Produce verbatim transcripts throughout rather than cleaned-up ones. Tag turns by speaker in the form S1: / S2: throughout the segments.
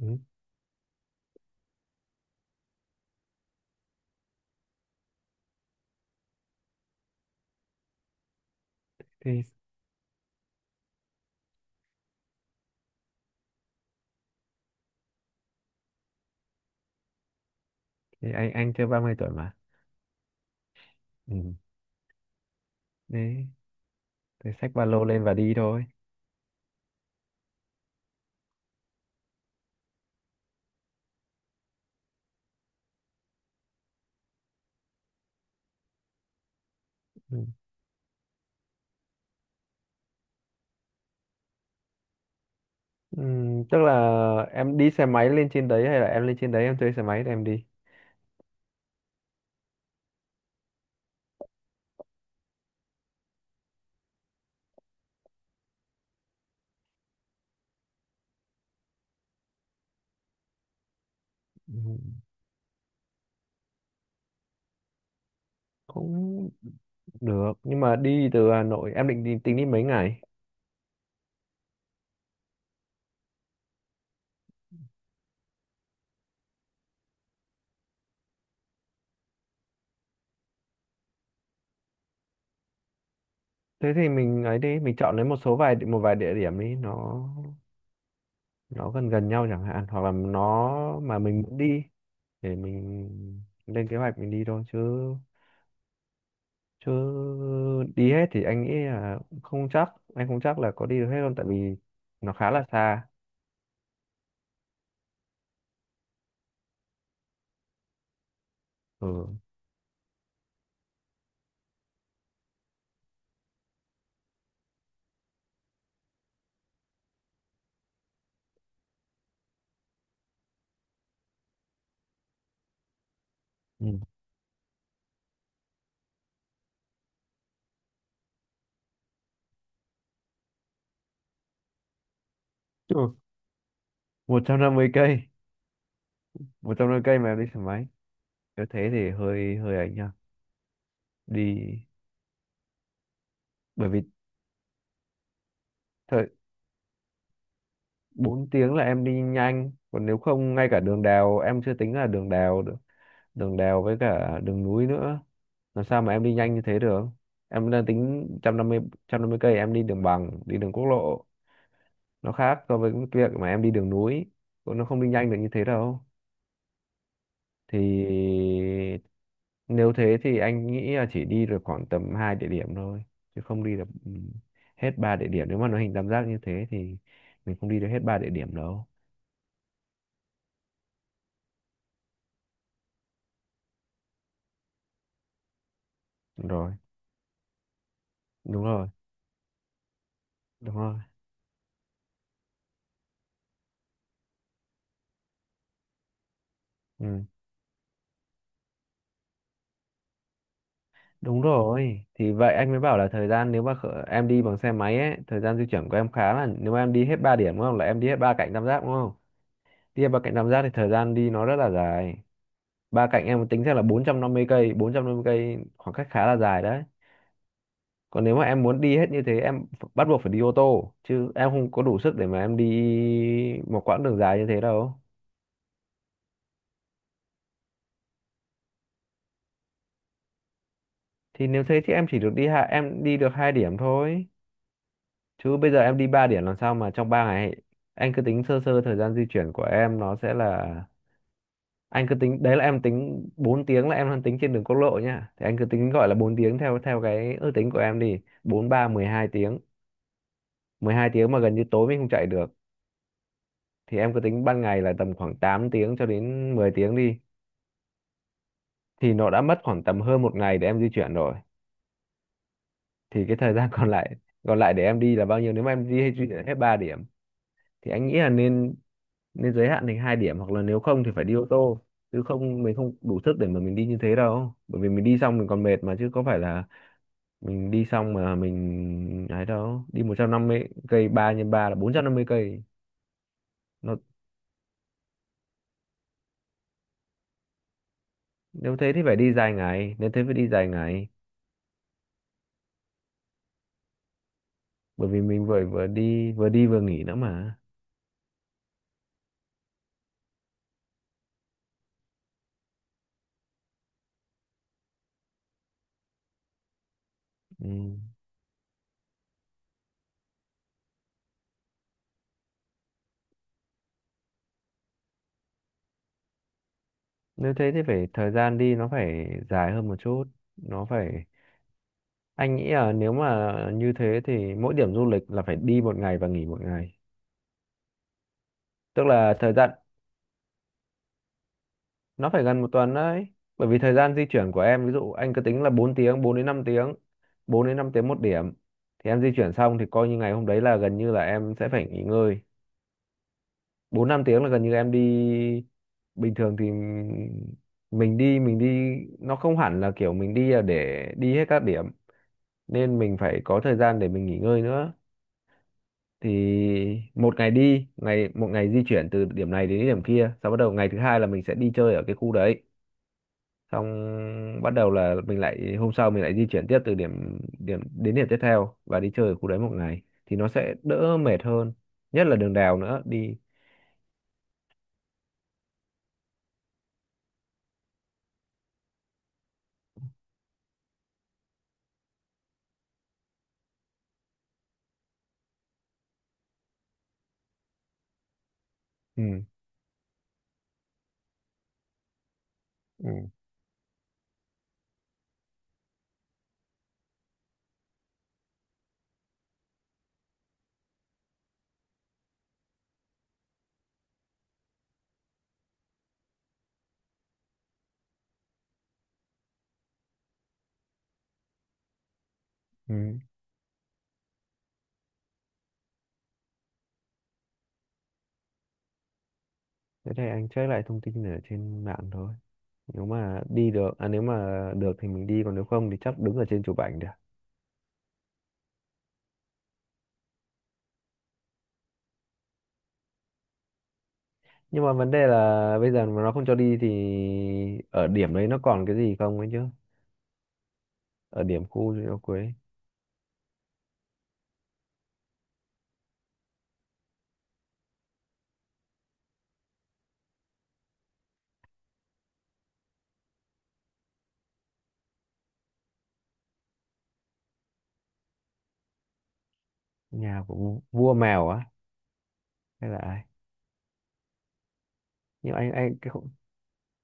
S1: ừ. thì, thì anh anh chưa ba mươi tuổi mà. Ừ, đấy thì xách ba lô lên và đi thôi. Ừ. Ừ, tức là em đi xe máy lên trên đấy hay là em lên trên đấy em thuê xe máy để em đi? Ừ, cũng được, nhưng mà đi từ Hà Nội em định đi, tính đi mấy ngày? Thế thì mình ấy đi, mình chọn lấy một số vài một vài địa điểm đi, nó nó gần gần nhau chẳng hạn, hoặc là nó mà mình muốn đi để mình lên kế hoạch mình đi thôi chứ. chứ đi hết thì anh nghĩ là không chắc, anh không chắc là có đi được hết luôn tại vì nó khá là xa. Ừ. Ừ. một trăm năm mươi cây một trăm năm mươi cây mà em đi xe máy, nếu thế thì hơi hơi ấy nha. Đi, bởi vì thời bốn tiếng là em đi nhanh, còn nếu không ngay cả đường đèo, em chưa tính là đường đèo nữa. Đường đèo với cả đường núi nữa, làm sao mà em đi nhanh như thế được. Em đang tính một trăm năm mươi một trăm năm mươi cây em đi đường bằng đi đường quốc lộ, nó khác so với cái việc mà em đi đường núi, nó không đi nhanh được như thế đâu. Thì nếu thế thì anh nghĩ là chỉ đi được khoảng tầm hai địa điểm thôi, chứ không đi được, ừ, hết ba địa điểm. Nếu mà nó hình tam giác như thế thì mình không đi được hết ba địa điểm đâu. Đúng rồi, đúng rồi, đúng rồi. Ừ, đúng rồi, thì vậy anh mới bảo là thời gian, nếu mà khở- em đi bằng xe máy ấy, thời gian di chuyển của em khá là, nếu mà em đi hết ba điểm đúng không, là em đi hết ba cạnh tam giác đúng không. Đi hết ba cạnh tam giác thì thời gian đi nó rất là dài. Ba cạnh em tính ra là bốn trăm năm mươi cây bốn trăm năm mươi cây, khoảng cách khá là dài đấy. Còn nếu mà em muốn đi hết như thế, em ph- bắt buộc phải đi ô tô, chứ em không có đủ sức để mà em đi một quãng đường dài như thế đâu. Thì nếu thế thì em chỉ được đi hạ em đi được hai điểm thôi, chứ bây giờ em đi ba điểm làm sao mà trong ba ngày. Anh cứ tính sơ sơ thời gian di chuyển của em nó sẽ là, anh cứ tính đấy là em tính bốn tiếng là em đang tính trên đường quốc lộ nhá, thì anh cứ tính gọi là bốn tiếng theo theo cái ước tính của em đi, bốn ba mười hai tiếng. Mười hai tiếng mà gần như tối mình không chạy được, thì em cứ tính ban ngày là tầm khoảng tám tiếng cho đến mười tiếng đi, thì nó đã mất khoảng tầm hơn một ngày để em di chuyển rồi. Thì cái thời gian còn lại, còn lại để em đi là bao nhiêu nếu mà em đi hay di chuyển hết ba điểm. Thì anh nghĩ là nên nên giới hạn thành hai điểm hoặc là nếu không thì phải đi ô tô, chứ không mình không đủ sức để mà mình đi như thế đâu. Bởi vì mình đi xong mình còn mệt mà, chứ có phải là mình đi xong mà mình ấy đâu. Đi một trăm năm mươi cây, ba nhân ba là bốn trăm năm mươi cây. Nó, nếu thế thì phải đi dài ngày, nếu thế phải đi dài ngày, bởi vì mình vừa vừa đi vừa đi vừa nghỉ nữa mà. Ừ, nếu thế thì phải, thời gian đi nó phải dài hơn một chút, nó phải. Anh nghĩ là nếu mà như thế thì mỗi điểm du lịch là phải đi một ngày và nghỉ một ngày, tức là thời gian nó phải gần một tuần đấy. Bởi vì thời gian di chuyển của em, ví dụ anh cứ tính là bốn tiếng, bốn đến năm tiếng, bốn đến năm tiếng một điểm, thì em di chuyển xong thì coi như ngày hôm đấy là gần như là em sẽ phải nghỉ ngơi. Bốn năm tiếng là gần như em đi, bình thường thì mình đi, mình đi Nó không hẳn là kiểu mình đi là để đi hết các điểm, nên mình phải có thời gian để mình nghỉ ngơi nữa. Thì một ngày đi ngày một ngày di chuyển từ điểm này đến điểm kia, sau bắt đầu ngày thứ hai là mình sẽ đi chơi ở cái khu đấy, xong bắt đầu là mình lại, hôm sau mình lại di chuyển tiếp từ điểm điểm đến điểm tiếp theo và đi chơi ở khu đấy một ngày thì nó sẽ đỡ mệt hơn, nhất là đường đèo nữa đi. Ừ. Ừ. Ừ. Thế thì anh check lại thông tin ở trên mạng thôi. Nếu mà đi được, à nếu mà được thì mình đi, còn nếu không thì chắc đứng ở trên chụp ảnh được. Nhưng mà vấn đề là bây giờ mà nó không cho đi thì ở điểm đấy nó còn cái gì không ấy chứ? Ở điểm khu Liễu Quế, nhà của vua vua mèo á, hay là ai? Nhưng mà anh anh cái khu-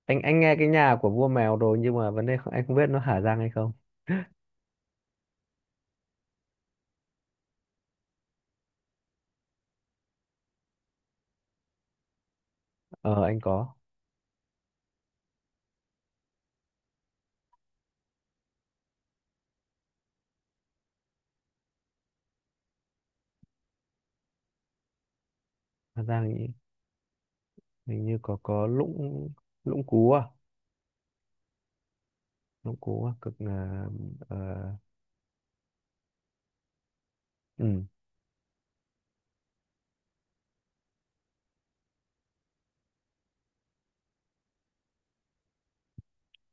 S1: anh anh nghe cái nhà của vua mèo rồi, nhưng mà vấn đề không- anh không biết nó Hà Giang hay không. Ờ anh có. Hà Giang hình hình như có có Lũng, Lũng Cú à? Lũng Cú à? Cực là ờ, ừ,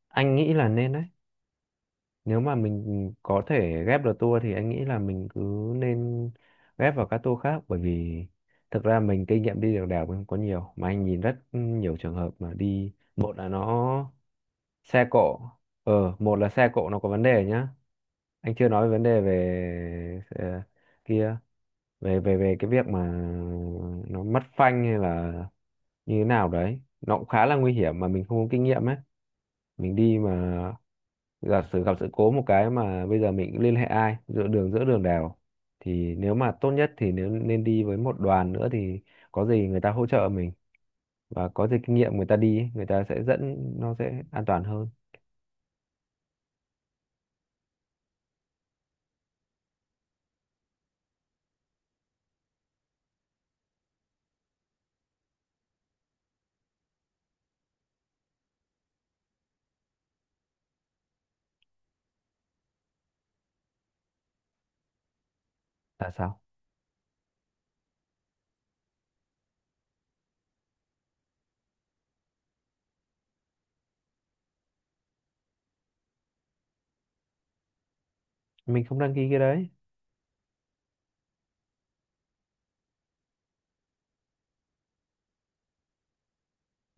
S1: anh nghĩ là nên đấy. Nếu mà mình có thể ghép được tour thì anh nghĩ là mình cứ nên ghép vào các tour khác, bởi vì thực ra mình kinh nghiệm đi được đèo mình không có nhiều, mà anh nhìn rất nhiều trường hợp mà đi, một là nó xe cộ, ờ một là xe cộ nó có vấn đề nhá. Anh chưa nói về vấn đề về ờ, kia, về về về cái việc mà nó mất phanh hay là như thế nào đấy, nó cũng khá là nguy hiểm mà mình không có kinh nghiệm ấy, mình đi mà giả sử gặp sự cố một cái mà bây giờ mình cũng liên hệ ai giữa đường, giữa đường đèo. Thì nếu mà tốt nhất thì nếu nên đi với một đoàn nữa thì có gì người ta hỗ trợ mình, và có gì kinh nghiệm người ta đi ấy, người ta sẽ dẫn, nó sẽ an toàn hơn. Tại sao mình không đăng ký cái đấy?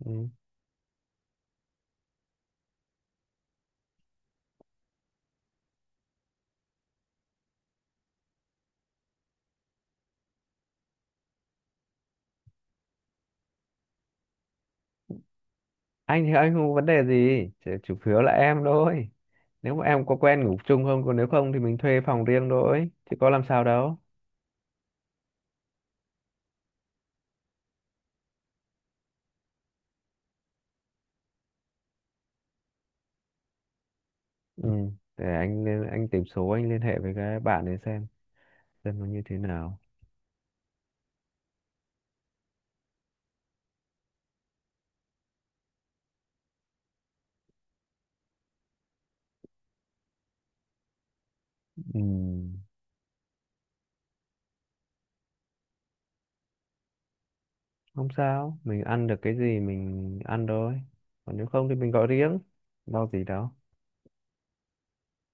S1: Ừ, anh thì anh không có vấn đề gì, chỉ chủ yếu là em thôi, nếu mà em có quen ngủ chung không, còn nếu không thì mình thuê phòng riêng thôi chứ có làm sao đâu. Ừ, để anh lên- anh tìm số anh liên hệ với cái bạn ấy xem xem nó như thế nào. Ừ, không sao, mình ăn được cái gì mình ăn thôi. Còn nếu không thì mình gọi riêng, lo gì đâu.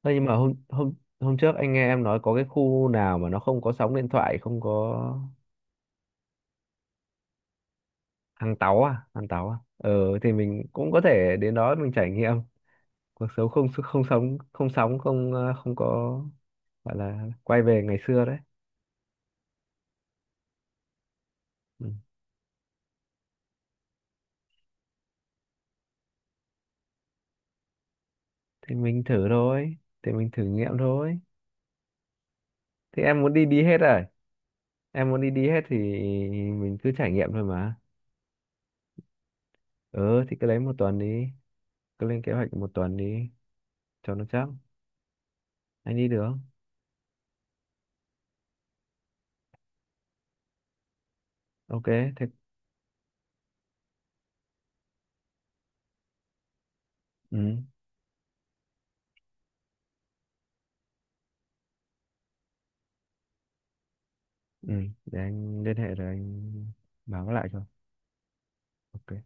S1: Thế nhưng mà hôm hôm hôm trước anh nghe em nói có cái khu nào mà nó không có sóng điện thoại, không có, hàng táo à, hàng táo à. Ờ thì mình cũng có thể đến đó mình trải nghiệm cuộc sống không không sóng không sóng không ờ, không có, gọi là quay về ngày xưa đấy. Ừ. Thì mình thử thôi, thì mình thử nghiệm thôi. Thì em muốn đi đi hết rồi. Em muốn đi đi hết thì mình cứ trải nghiệm thôi mà. Ừ thì cứ lấy một tuần đi, cứ lên kế hoạch một tuần đi cho nó chắc. Anh đi được không? Ok. Thế, ừ, ừ, để anh liên hệ rồi anh báo lại cho. Ok.